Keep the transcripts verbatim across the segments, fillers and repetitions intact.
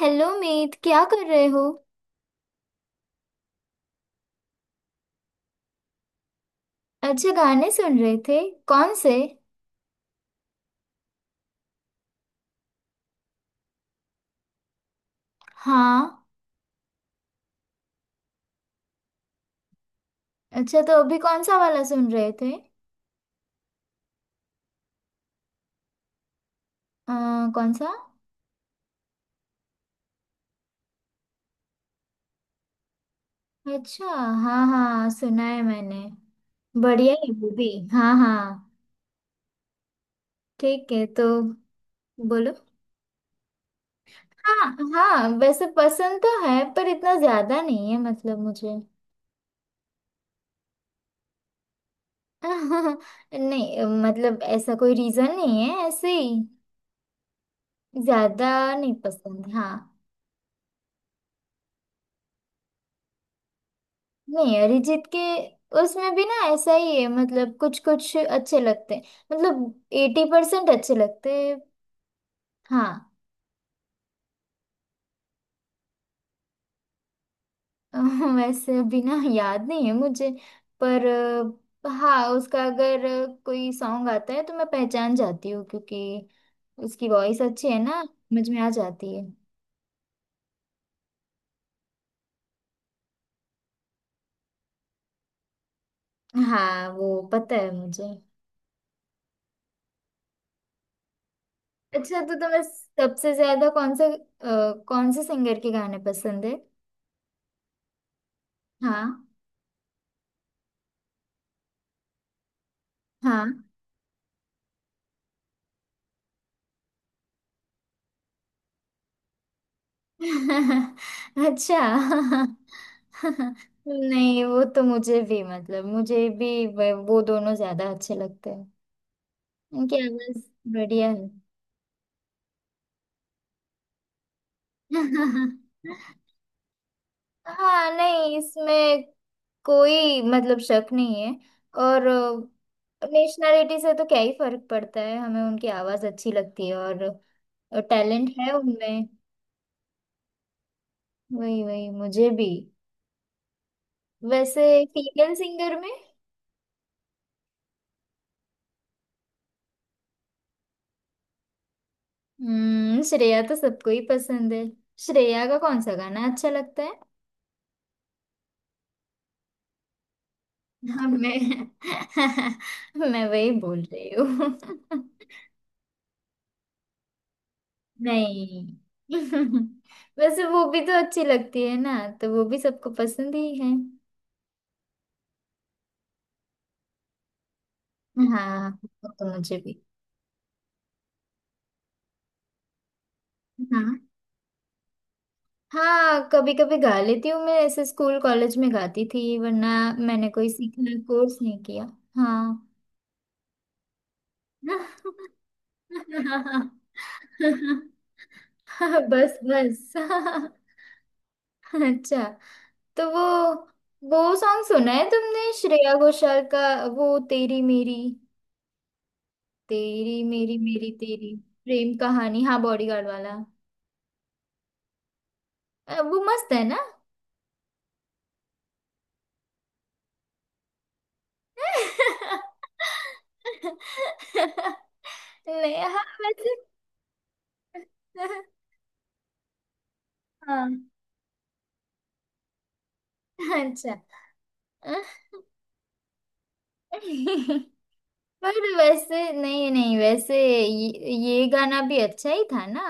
Hello Meet. क्या कर रहे हो? अच्छा, गाने सुन रहे थे? कौन से? हाँ। अच्छा, तो अभी कौन सा वाला सुन रहे थे? आ, कौन सा? अच्छा। हाँ हाँ, सुना है मैंने। बढ़िया है वो भी। हाँ हाँ। ठीक है, तो बोलो। हाँ हाँ, वैसे पसंद तो है, पर इतना ज्यादा नहीं है मतलब मुझे। नहीं मतलब ऐसा कोई रीजन नहीं है, ऐसे ही। ज्यादा नहीं पसंद, हाँ। नहीं, अरिजीत के उसमें भी ना ऐसा ही है, मतलब कुछ कुछ अच्छे लगते हैं। मतलब एटी परसेंट अच्छे लगते हैं। हाँ। वैसे अभी ना याद नहीं है मुझे। पर अ, हाँ, उसका अगर कोई सॉन्ग आता है तो मैं पहचान जाती हूँ, क्योंकि उसकी वॉइस अच्छी है ना, मुझ में आ जाती है। हाँ, वो पता है मुझे। अच्छा, तो तुम्हें सबसे ज्यादा कौन से अ, कौन से सिंगर के गाने पसंद है? हाँ हाँ। अच्छा। नहीं, वो तो मुझे भी, मतलब मुझे भी वे- वो दोनों ज्यादा अच्छे लगते हैं। इनकी आवाज बढ़िया है। हाँ, नहीं इसमें कोई मतलब शक नहीं है। और नेशनैलिटी से तो क्या ही फर्क पड़ता है, हमें उनकी आवाज अच्छी लगती है और टैलेंट है उनमें। वही वही मुझे भी। वैसे फीमेल सिंगर में, हम्म श्रेया तो सबको ही पसंद है। श्रेया का कौन सा गाना अच्छा लगता है? हाँ, मैं मैं वही बोल रही हूँ। नहीं। वैसे वो भी तो अच्छी लगती है ना, तो वो भी सबको पसंद ही है। हाँ, वो तो मुझे भी। हाँ हाँ, कभी कभी गा लेती हूँ मैं, ऐसे स्कूल कॉलेज में गाती थी, वरना मैंने कोई सीखने कोर्स नहीं किया। हाँ। बस बस। अच्छा। तो वो वो सॉन्ग सुना है तुमने श्रेया घोषाल का? वो तेरी मेरी, तेरी मेरी, मेरी तेरी, प्रेम कहानी, हाँ बॉडीगार्ड वाला। अ, वो मस्त है ना? नहीं, हाँ वैसे, हाँ अच्छा। पर वैसे, नहीं नहीं वैसे ये, ये गाना भी अच्छा ही था ना।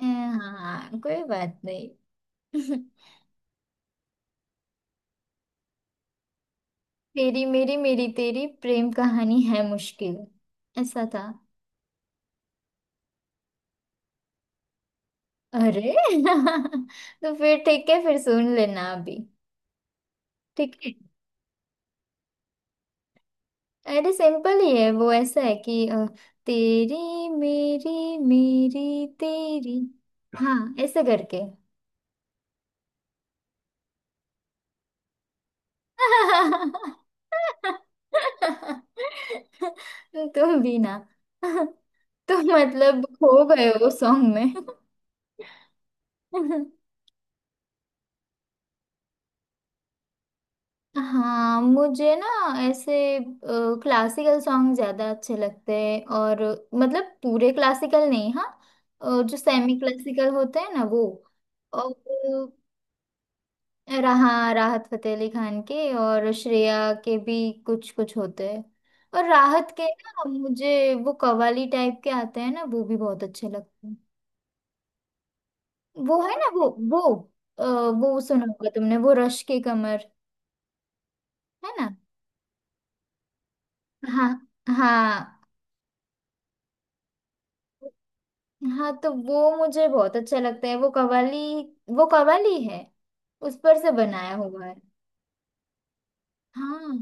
अ, हाँ, कोई बात नहीं। तेरी मेरी, मेरी तेरी, प्रेम कहानी है मुश्किल, ऐसा था। अरे तो फिर ठीक है, फिर सुन लेना अभी। ठीक है। अरे, सिंपल ही है, वो ऐसा है कि अ, तेरी मेरी, मेरी तेरी। हाँ, ऐसे करके। तुम भी ना। तुम मतलब खो गए हो सॉन्ग में। हाँ, मुझे ना ऐसे क्लासिकल सॉन्ग ज्यादा अच्छे लगते हैं। और मतलब पूरे क्लासिकल नहीं, हाँ, अ, जो सेमी क्लासिकल होते हैं ना, वो, और रहा राहत फतेह अली खान के और श्रेया के भी कुछ कुछ होते हैं। और राहत के ना, मुझे वो कव्वाली टाइप के आते हैं ना, वो भी बहुत अच्छे लगते हैं। वो है ना, वो वो अ, वो सुना होगा तुमने, वो रश के कमर, है ना? हाँ हाँ। हाँ, तो वो मुझे बहुत अच्छा लगता है, वो कव्वाली। वो कव्वाली है, उस पर से बनाया हुआ है। हाँ,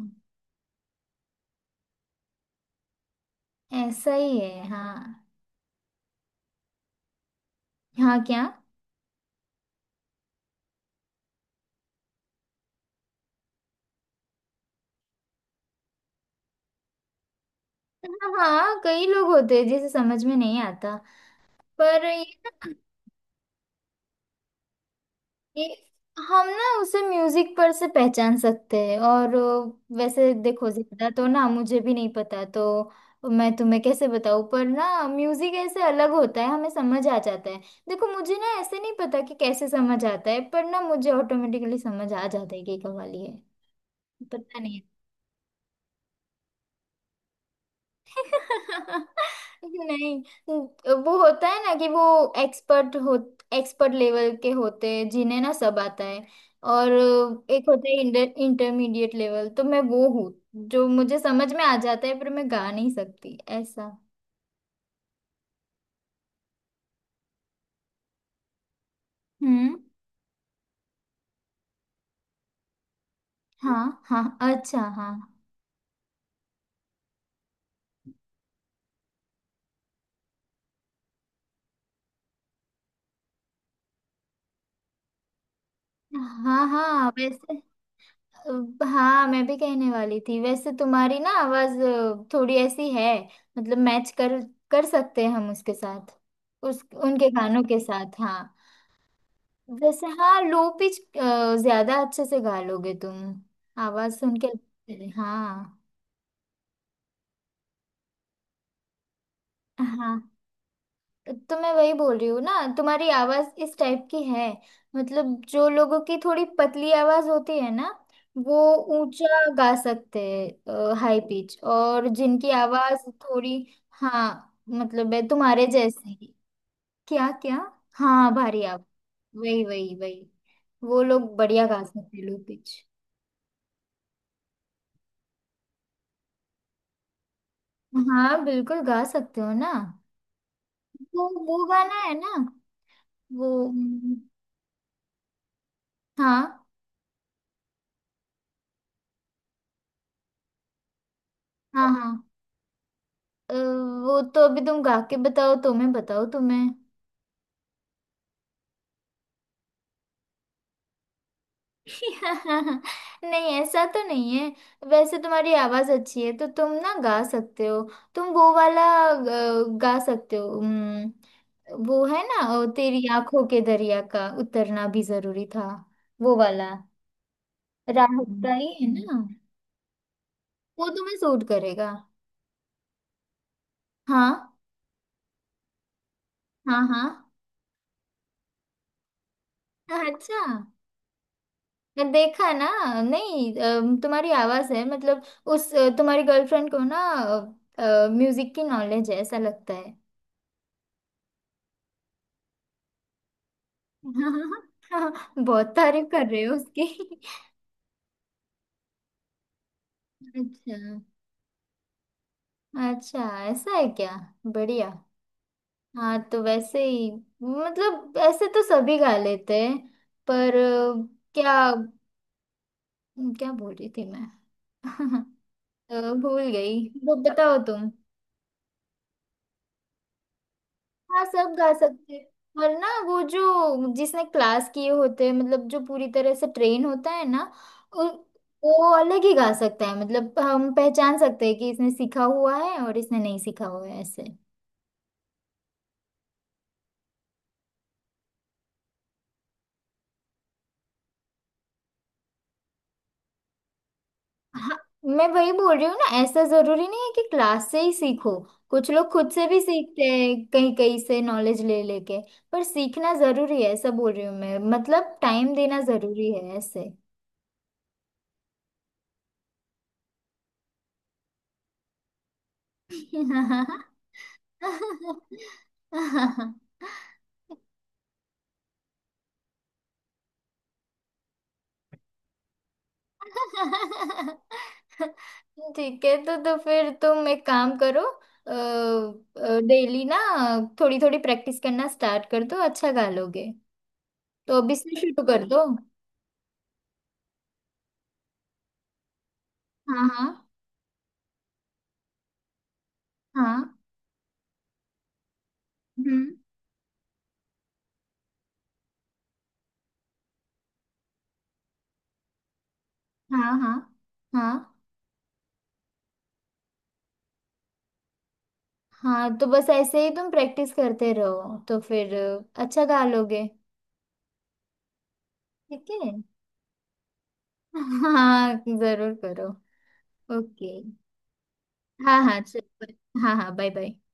ऐसा ही है, हाँ। हाँ, क्या? हाँ हाँ, कई लोग होते हैं जिसे समझ में नहीं आता। पर ये ना, ये हम ना उसे म्यूजिक पर से पहचान सकते हैं, और अ, वैसे देखो, ज्यादा तो ना मुझे भी नहीं पता, तो मैं तुम्हें कैसे बताऊँ, पर ना म्यूजिक ऐसे अलग होता है, हमें समझ आ जाता है। देखो, मुझे ना ऐसे नहीं पता कि कैसे समझ आता है, पर ना मुझे ऑटोमेटिकली समझ आ जाता है कि ये कव्वाली है। पता नहीं। नहीं, तो वो होता है ना कि वो एक्सपर्ट हो, एक्सपर्ट लेवल के होते हैं जिन्हें ना सब आता है। और एक होता है इंटर, इंटरमीडिएट लेवल, तो मैं वो हूँ, जो मुझे समझ में आ जाता है पर मैं गा नहीं सकती ऐसा। हम्म। हाँ हाँ, अच्छा हाँ। हाँ हाँ वैसे, अ, हाँ मैं भी कहने वाली थी, वैसे तुम्हारी ना आवाज अ, थोड़ी ऐसी है, मतलब मैच कर कर सकते हैं हम उसके साथ, उस उनके गानों के साथ, हाँ। वैसे हाँ, लो पिच ज्यादा अच्छे से गा लोगे तुम, आवाज सुन के लगता है। हाँ। हाँ, तो मैं वही बोल रही हूँ ना, तुम्हारी आवाज इस टाइप की है। मतलब जो लोगों की थोड़ी पतली आवाज होती है ना, वो ऊंचा गा सकते हैं, हाई पिच, और जिनकी आवाज थोड़ी, हाँ, मतलब है तुम्हारे जैसे ही। क्या क्या? हाँ, भारी आवाज। वही वही वही, वो लोग बढ़िया गा सकते हैं लो पिच। हाँ बिल्कुल, गा सकते हो ना। वो वो गाना है ना, वो हम्म, हाँ हाँ हाँ। अ, वो तो अभी तुम गा के बताओ, तुम्हें बताओ तुम्हें। नहीं, ऐसा तो नहीं है। वैसे तुम्हारी आवाज अच्छी है तो तुम ना गा सकते हो। तुम वो वाला अ, गा सकते हो, उम, वो है ना, अ, तेरी आंखों के दरिया का उतरना भी जरूरी था, वो वाला, राहत का ही है ना? वो तुम्हें सूट करेगा। हाँ। हाँ हाँ। अच्छा, मैं देखा ना। नहीं, अ, तुम्हारी आवाज है, मतलब उस अ, तुम्हारी गर्लफ्रेंड को ना म्यूजिक की नॉलेज है, ऐसा लगता है। बहुत तारीफ कर रहे हो उसकी। अच्छा, अच्छा ऐसा है क्या? बढ़िया। हाँ, तो वैसे ही मतलब ऐसे तो सभी गा लेते हैं, पर अ, क्या, क्या बोल रही थी मैं? अ, भूल गई, वो बताओ तुम। हाँ, सब गा सकते हैं। और ना वो जो जिसने क्लास किए होते हैं, मतलब जो पूरी तरह से ट्रेन होता है ना, उ- वो अलग ही गा सकता है, मतलब हम पहचान सकते हैं कि इसने सीखा हुआ है और इसने नहीं सीखा हुआ है, ऐसे। हाँ, मैं वही बोल रही हूँ ना, ऐसा जरूरी नहीं है कि क्लास से ही सीखो। कुछ लोग खुद से भी सीखते हैं, कहीं कहीं से नॉलेज ले लेके। पर सीखना जरूरी है, ऐसा बोल रही हूँ मैं, मतलब टाइम देना जरूरी है ऐसे। ठीक है, तो तो फिर तुम एक काम करो। डेली ना थोड़ी थोड़ी प्रैक्टिस करना स्टार्ट कर दो, अच्छा गा लोगे। तो अभी से शुरू कर दो। हाँ हाँ हाँ। हम्म। हाँ हाँ हाँ हाँ, तो बस ऐसे ही तुम प्रैक्टिस करते रहो तो फिर अ, अच्छा गा लोगे। ठीक है। हाँ, जरूर करो। ओके। हाँ हाँ, चल। हाँ हाँ, बाय बाय।